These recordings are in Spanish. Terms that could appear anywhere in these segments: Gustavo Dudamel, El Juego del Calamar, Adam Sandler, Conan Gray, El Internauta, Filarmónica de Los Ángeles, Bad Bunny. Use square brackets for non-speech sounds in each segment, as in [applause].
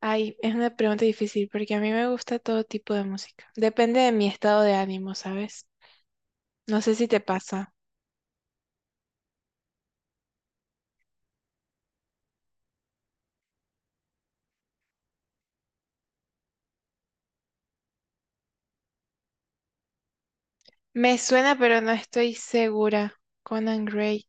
Ay, es una pregunta difícil porque a mí me gusta todo tipo de música. Depende de mi estado de ánimo, ¿sabes? No sé si te pasa. Me suena, pero no estoy segura. Conan Gray.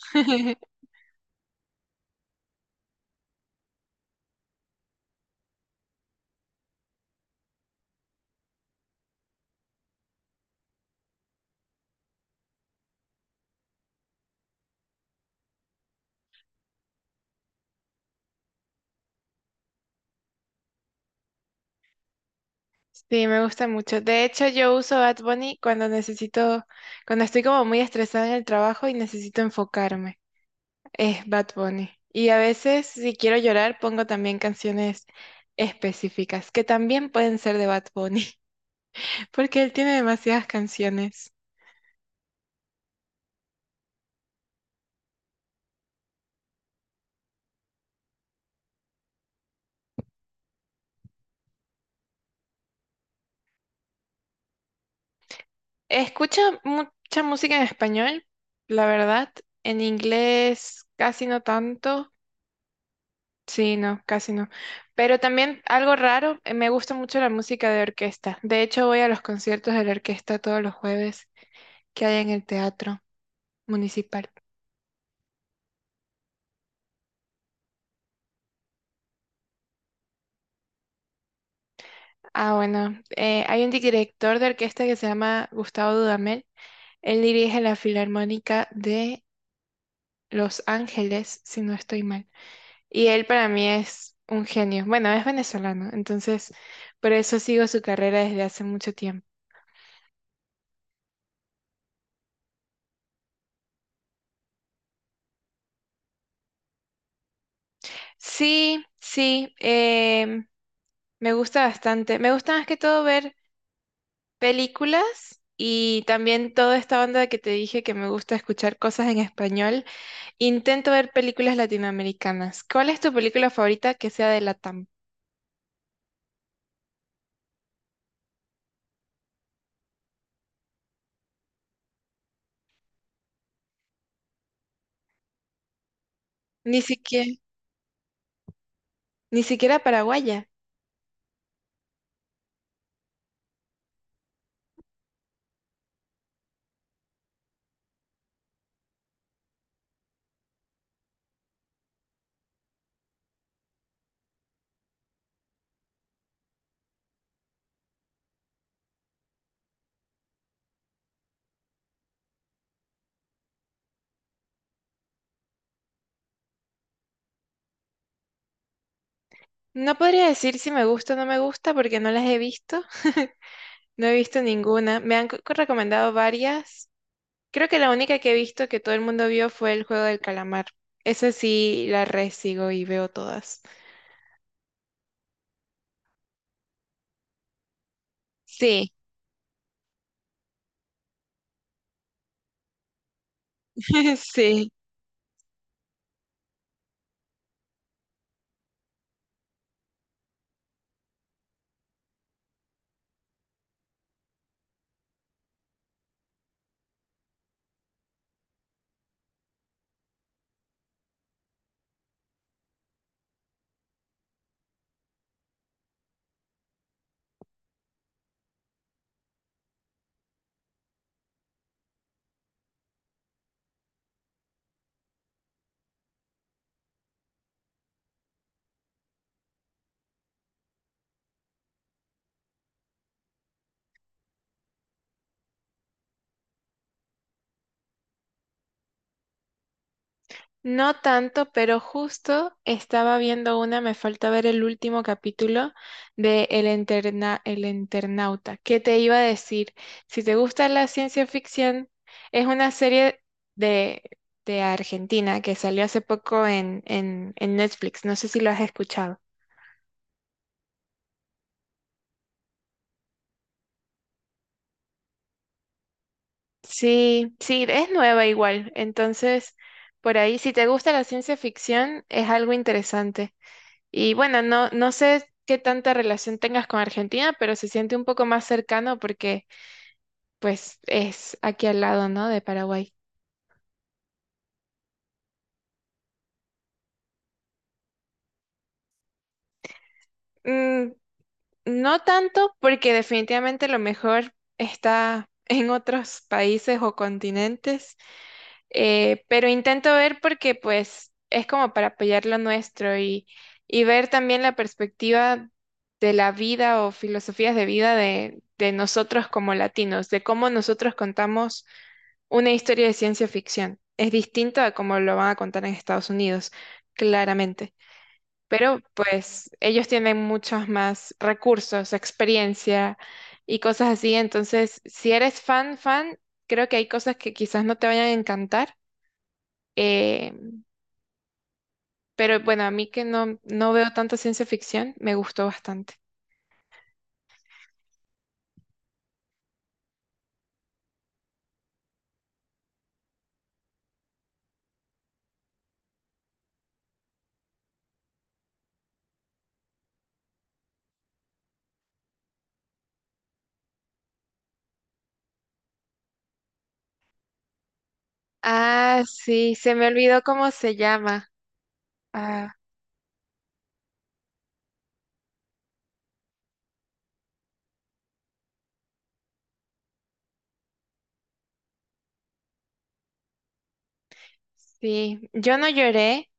[laughs] Sí, me gusta mucho. De hecho, yo uso Bad Bunny cuando necesito, cuando estoy como muy estresada en el trabajo y necesito enfocarme. Es Bad Bunny. Y a veces, si quiero llorar, pongo también canciones específicas, que también pueden ser de Bad Bunny, [laughs] porque él tiene demasiadas canciones. Escucho mucha música en español, la verdad. En inglés casi no tanto. Sí, no, casi no. Pero también algo raro, me gusta mucho la música de orquesta. De hecho, voy a los conciertos de la orquesta todos los jueves que hay en el teatro municipal. Ah, bueno, hay un director de orquesta que se llama Gustavo Dudamel. Él dirige la Filarmónica de Los Ángeles, si no estoy mal. Y él para mí es un genio. Bueno, es venezolano, entonces por eso sigo su carrera desde hace mucho tiempo. Sí, sí, me gusta bastante. Me gusta más que todo ver películas, y también toda esta onda que te dije que me gusta escuchar cosas en español. Intento ver películas latinoamericanas. ¿Cuál es tu película favorita que sea de Latam? Ni siquiera, ni siquiera paraguaya. No podría decir si me gusta o no me gusta porque no las he visto. No he visto ninguna. Me han recomendado varias. Creo que la única que he visto que todo el mundo vio fue El Juego del Calamar. Esa sí la resigo y veo todas. Sí, [laughs] sí. No tanto, pero justo estaba viendo una, me falta ver el último capítulo de El Internauta. ¿Qué te iba a decir? Si te gusta la ciencia ficción, es una serie de, de Argentina que salió hace poco en Netflix. No sé si lo has escuchado. Sí, sí, es nueva igual. Entonces, por ahí, si te gusta la ciencia ficción, es algo interesante. Y bueno, no, no sé qué tanta relación tengas con Argentina, pero se siente un poco más cercano porque, pues, es aquí al lado, ¿no? De Paraguay. Mm, no tanto, porque definitivamente lo mejor está en otros países o continentes. Pero intento ver porque pues es como para apoyar lo nuestro, y ver también la perspectiva de la vida o filosofías de vida de nosotros como latinos, de cómo nosotros contamos una historia de ciencia ficción. Es distinto a cómo lo van a contar en Estados Unidos, claramente. Pero pues ellos tienen muchos más recursos, experiencia y cosas así. Entonces, si eres fan, fan, creo que hay cosas que quizás no te vayan a encantar, eh, pero bueno, a mí, que no, no veo tanta ciencia ficción, me gustó bastante. Ah, sí, se me olvidó cómo se llama. Ah, sí, yo no lloré,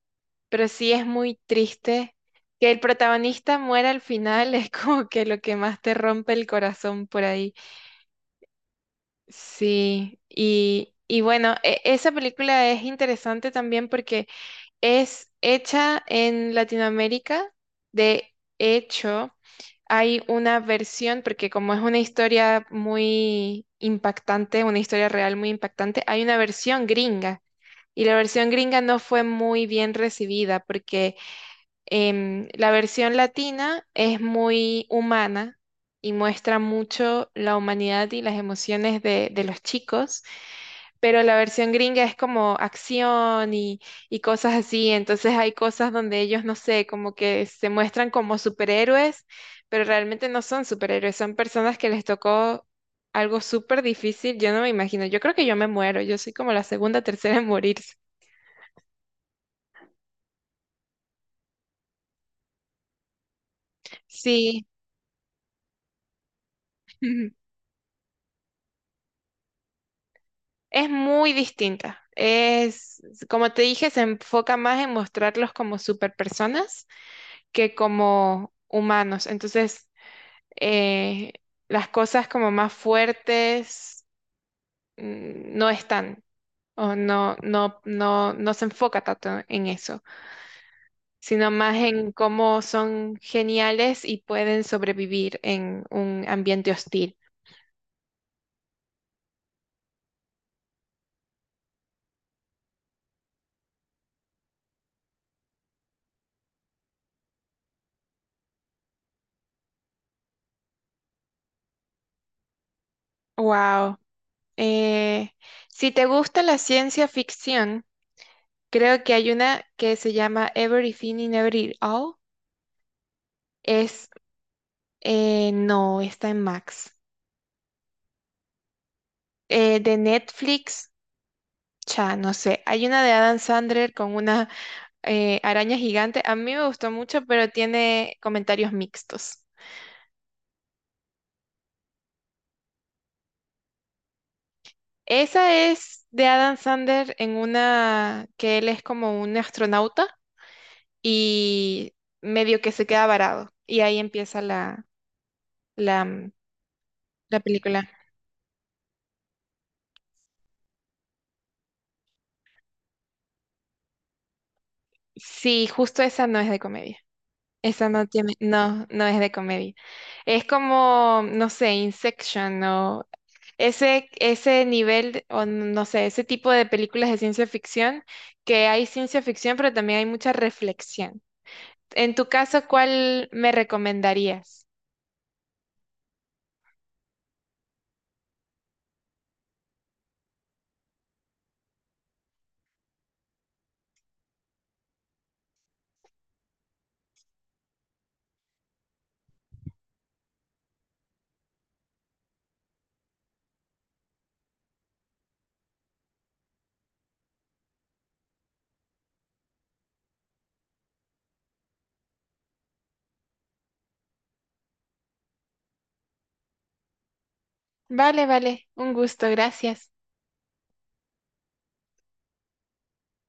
pero sí es muy triste que el protagonista muera al final, [laughs] es como que lo que más te rompe el corazón por ahí. Sí, y bueno, esa película es interesante también porque es hecha en Latinoamérica, de hecho. Hay una versión, porque como es una historia muy impactante, una historia real muy impactante, hay una versión gringa. Y la versión gringa no fue muy bien recibida porque la versión latina es muy humana y muestra mucho la humanidad y las emociones de los chicos, pero la versión gringa es como acción y cosas así. Entonces hay cosas donde ellos, no sé, como que se muestran como superhéroes, pero realmente no son superhéroes, son personas que les tocó algo súper difícil. Yo no me imagino, yo creo que yo me muero, yo soy como la segunda, tercera en morirse. Sí, [laughs] es muy distinta. Es, como te dije, se enfoca más en mostrarlos como superpersonas que como humanos. Entonces, eh, las cosas como más fuertes no están, o no, no, no, no se enfoca tanto en eso, sino más en cómo son geniales y pueden sobrevivir en un ambiente hostil. Wow. Eh, si te gusta la ciencia ficción, creo que hay una que se llama Everything in Every All. Es, no, está en Max. De Netflix. Cha, no sé. Hay una de Adam Sandler con una araña gigante. A mí me gustó mucho, pero tiene comentarios mixtos. Esa es de Adam Sandler, en una que él es como un astronauta y medio que se queda varado. Y ahí empieza la, la, mm, la película. Sí, justo esa no es de comedia. Esa no tiene, no, no es de comedia. Es como, no sé, Inception, o ese nivel, o no sé, ese tipo de películas de ciencia ficción, que hay ciencia ficción, pero también hay mucha reflexión. En tu caso, ¿cuál me recomendarías? Vale, vale, un gusto, gracias.